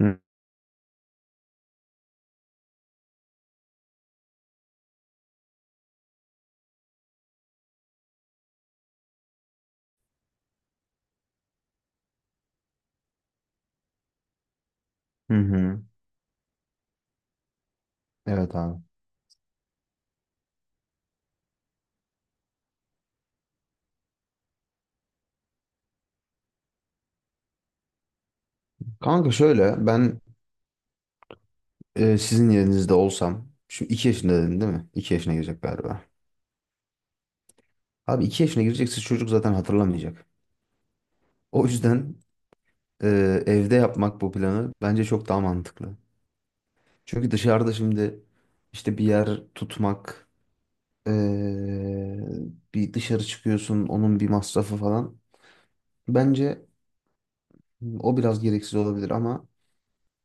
Hı hı. Hı. Evet abi. Kanka şöyle ben sizin yerinizde olsam şimdi 2 yaşında dedin değil mi? 2 yaşına girecek galiba. Abi 2 yaşına girecekse çocuk zaten hatırlamayacak. O yüzden evde yapmak bu planı bence çok daha mantıklı. Çünkü dışarıda şimdi işte bir yer tutmak, e, bir dışarı çıkıyorsun, onun bir masrafı falan. Bence o biraz gereksiz olabilir ama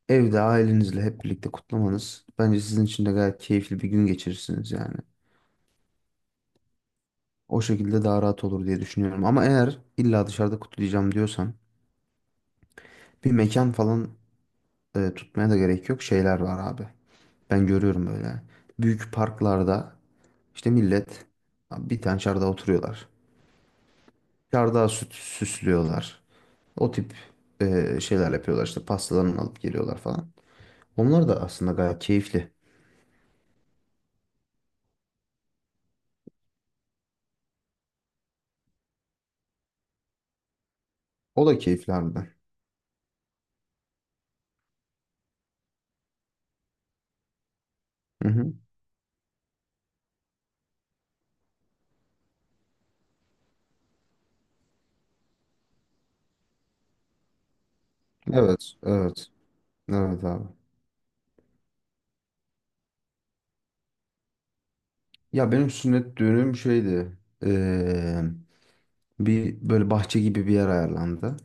evde ailenizle hep birlikte kutlamanız bence sizin için de gayet keyifli bir gün geçirirsiniz yani. O şekilde daha rahat olur diye düşünüyorum. Ama eğer illa dışarıda kutlayacağım diyorsan bir mekan falan tutmaya da gerek yok. Şeyler var abi. Ben görüyorum böyle. Büyük parklarda işte millet bir tane çardağa oturuyorlar. Çardağı süt süslüyorlar. O tip şeyler yapıyorlar, işte pastalarını alıp geliyorlar falan. Onlar da aslında gayet keyifli. O da keyifli harbiden. Hı hı. Evet, evet. Evet abi. Ya benim sünnet düğünüm şeydi. Bir böyle bahçe gibi bir yer ayarlandı.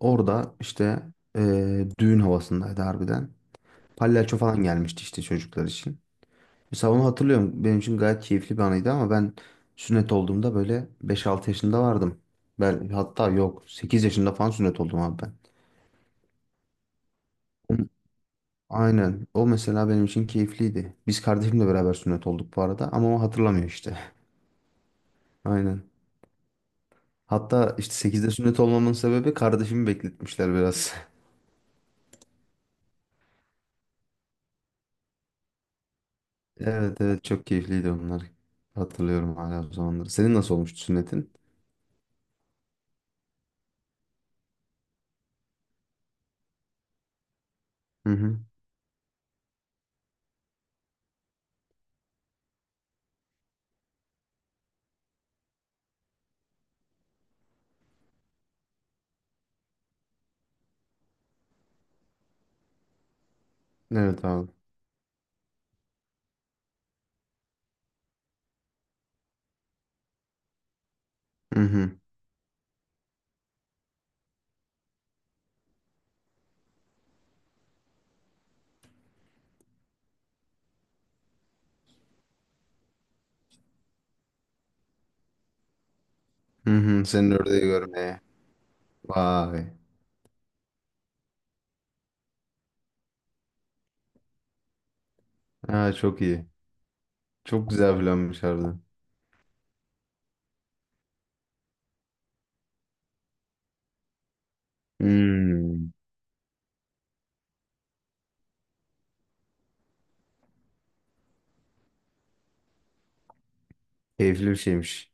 Orada işte, düğün havasındaydı harbiden. Palyaço falan gelmişti işte çocuklar için. Mesela onu hatırlıyorum. Benim için gayet keyifli bir anıydı ama ben sünnet olduğumda böyle beş 6 yaşında vardım. Ben hatta yok, 8 yaşında falan sünnet oldum abi ben. Hı. Aynen. O mesela benim için keyifliydi. Biz kardeşimle beraber sünnet olduk bu arada ama o hatırlamıyor işte. Aynen. Hatta işte 8'de sünnet olmamın sebebi kardeşimi bekletmişler biraz. Evet, evet, çok keyifliydi onlar. Hatırlıyorum hala o zamanları. Senin nasıl olmuştu sünnetin? Hı hı. Evet abi. Hı hı. Hı hı. Senin ördeği görmeye. Vay. Ha, çok iyi. Çok güzel planmış harbiden. Hmm. Keyifli bir şeymiş.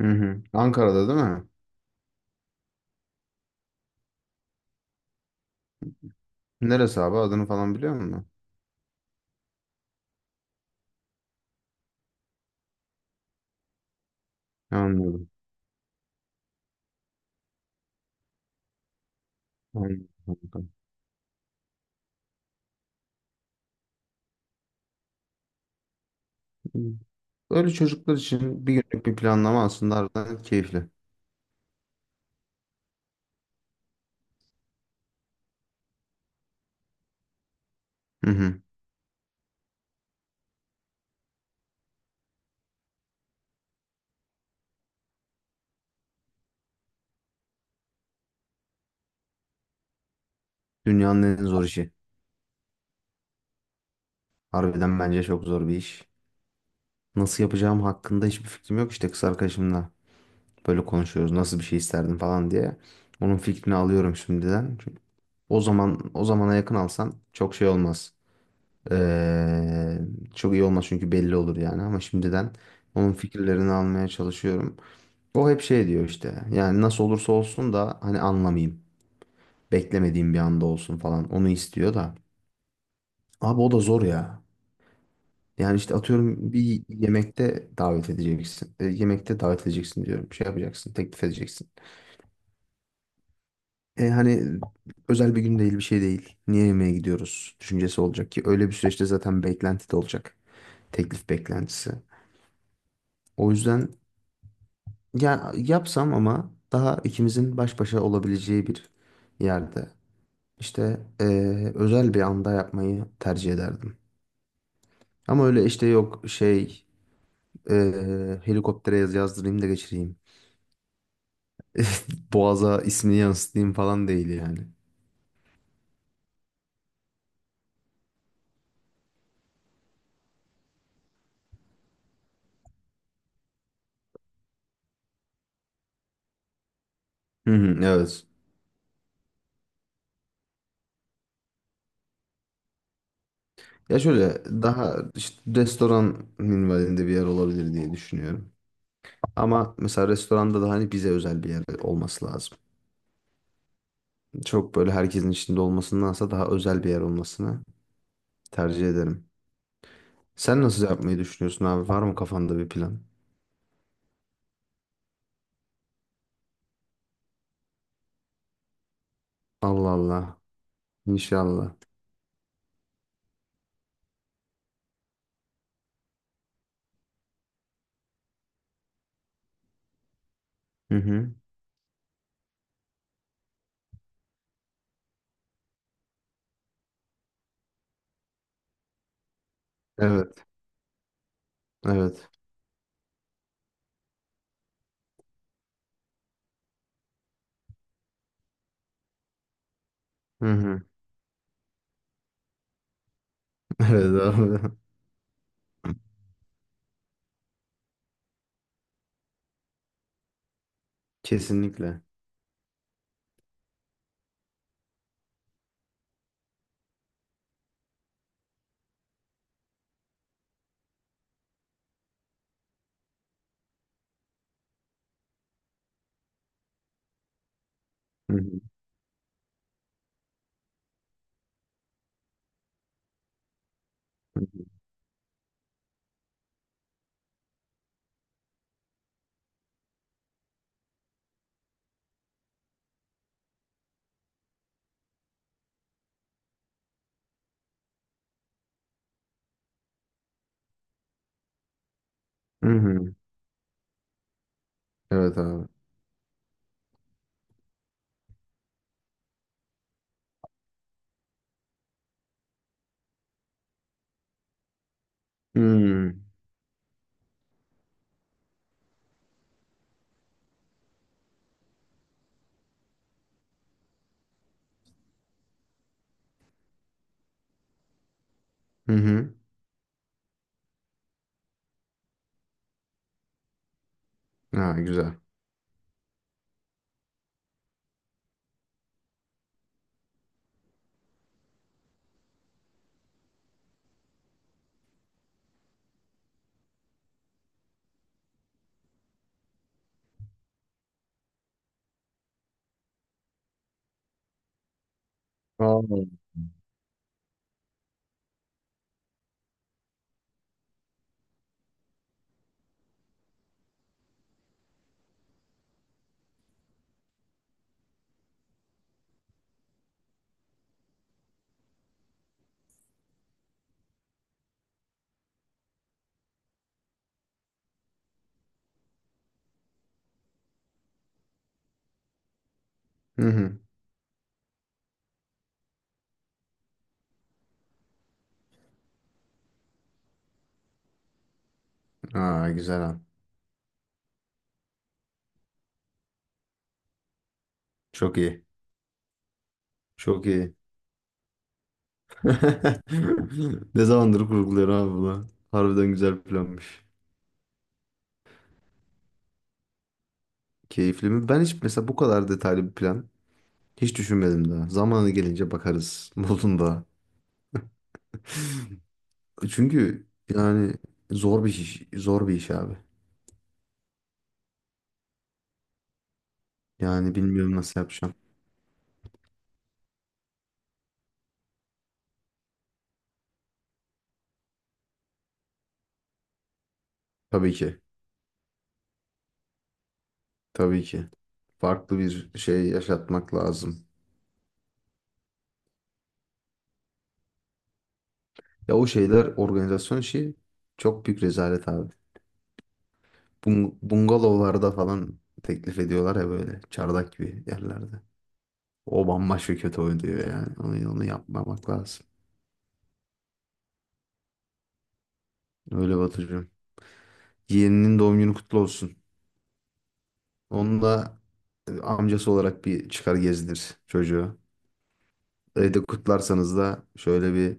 Hı hı. Ankara'da değil mi? Neresi abi? Adını falan biliyor musun? Anladım. Anladım. Öyle çocuklar için bir günlük bir planlama aslında harbiden keyifli. Hı hı. Dünyanın en zor işi. Harbiden bence çok zor bir iş. Nasıl yapacağım hakkında hiçbir fikrim yok. İşte kız arkadaşımla böyle konuşuyoruz. Nasıl bir şey isterdim falan diye. Onun fikrini alıyorum şimdiden. Çünkü o zaman, o zamana yakın alsan çok şey olmaz. Ee, Çok iyi olmaz çünkü belli olur yani, ama şimdiden onun fikirlerini almaya çalışıyorum. O hep şey diyor işte. Yani nasıl olursa olsun da hani anlamayayım. Beklemediğim bir anda olsun falan. Onu istiyor da. Abi o da zor ya. Yani işte atıyorum, bir yemekte davet edeceksin. Yemekte davet edeceksin diyorum. Şey yapacaksın, teklif edeceksin. Hani özel bir gün değil, bir şey değil. Niye yemeğe gidiyoruz düşüncesi olacak ki. Öyle bir süreçte zaten beklenti de olacak. Teklif beklentisi. O yüzden ya yapsam ama daha ikimizin baş başa olabileceği bir yerde. İşte özel bir anda yapmayı tercih ederdim. Ama öyle işte, yok şey, e, helikoptere yazdırayım da geçireyim. Boğaza ismini yansıtayım falan değil yani. Hı hı, evet. Ya şöyle, daha işte restoran minvalinde bir yer olabilir diye düşünüyorum. Ama mesela restoranda da hani bize özel bir yer olması lazım. Çok böyle herkesin içinde olmasındansa daha özel bir yer olmasını tercih ederim. Sen nasıl yapmayı düşünüyorsun abi? Var mı kafanda bir plan? Allah Allah. İnşallah. Hı hı. Evet. Evet. Hı hı. Evet abi. Kesinlikle. Hı hı. Hı hı. Hı hı. Evet abi. Hmm. Hı hı. Ha, güzel. Aa. Hı hı. Aa, güzel abi. Çok iyi. Çok iyi. Ne zamandır kurguluyorum abi bunu. Harbiden güzel planmış. Keyifli mi? Ben hiç mesela bu kadar detaylı bir plan hiç düşünmedim daha. Zamanı gelince bakarız modunda. Çünkü yani zor bir iş, zor bir iş abi. Yani bilmiyorum nasıl yapacağım. Tabii ki. Tabii ki. Farklı bir şey yaşatmak lazım. Ya o şeyler organizasyon işi çok büyük rezalet abi. Bungalovlarda falan teklif ediyorlar ya, böyle çardak gibi yerlerde. O bambaşka kötü oynuyor yani. Onu yapmamak lazım. Öyle Batucuğum. Yeğeninin doğum günü kutlu olsun. Onu da amcası olarak bir çıkar gezdir çocuğu. Evde kutlarsanız da şöyle bir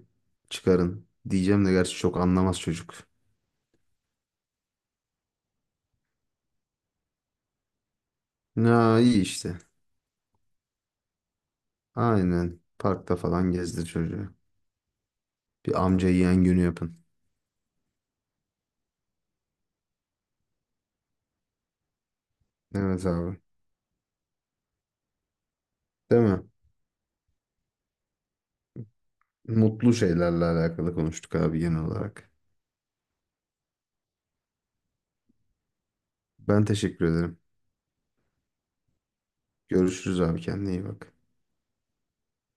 çıkarın. Diyeceğim de gerçi çok anlamaz çocuk. Ya iyi işte. Aynen. Parkta falan gezdir çocuğu. Bir amca yeğen günü yapın. Evet abi. Değil mi? Mutlu şeylerle alakalı konuştuk abi genel olarak. Ben teşekkür ederim. Görüşürüz abi, kendine iyi bak.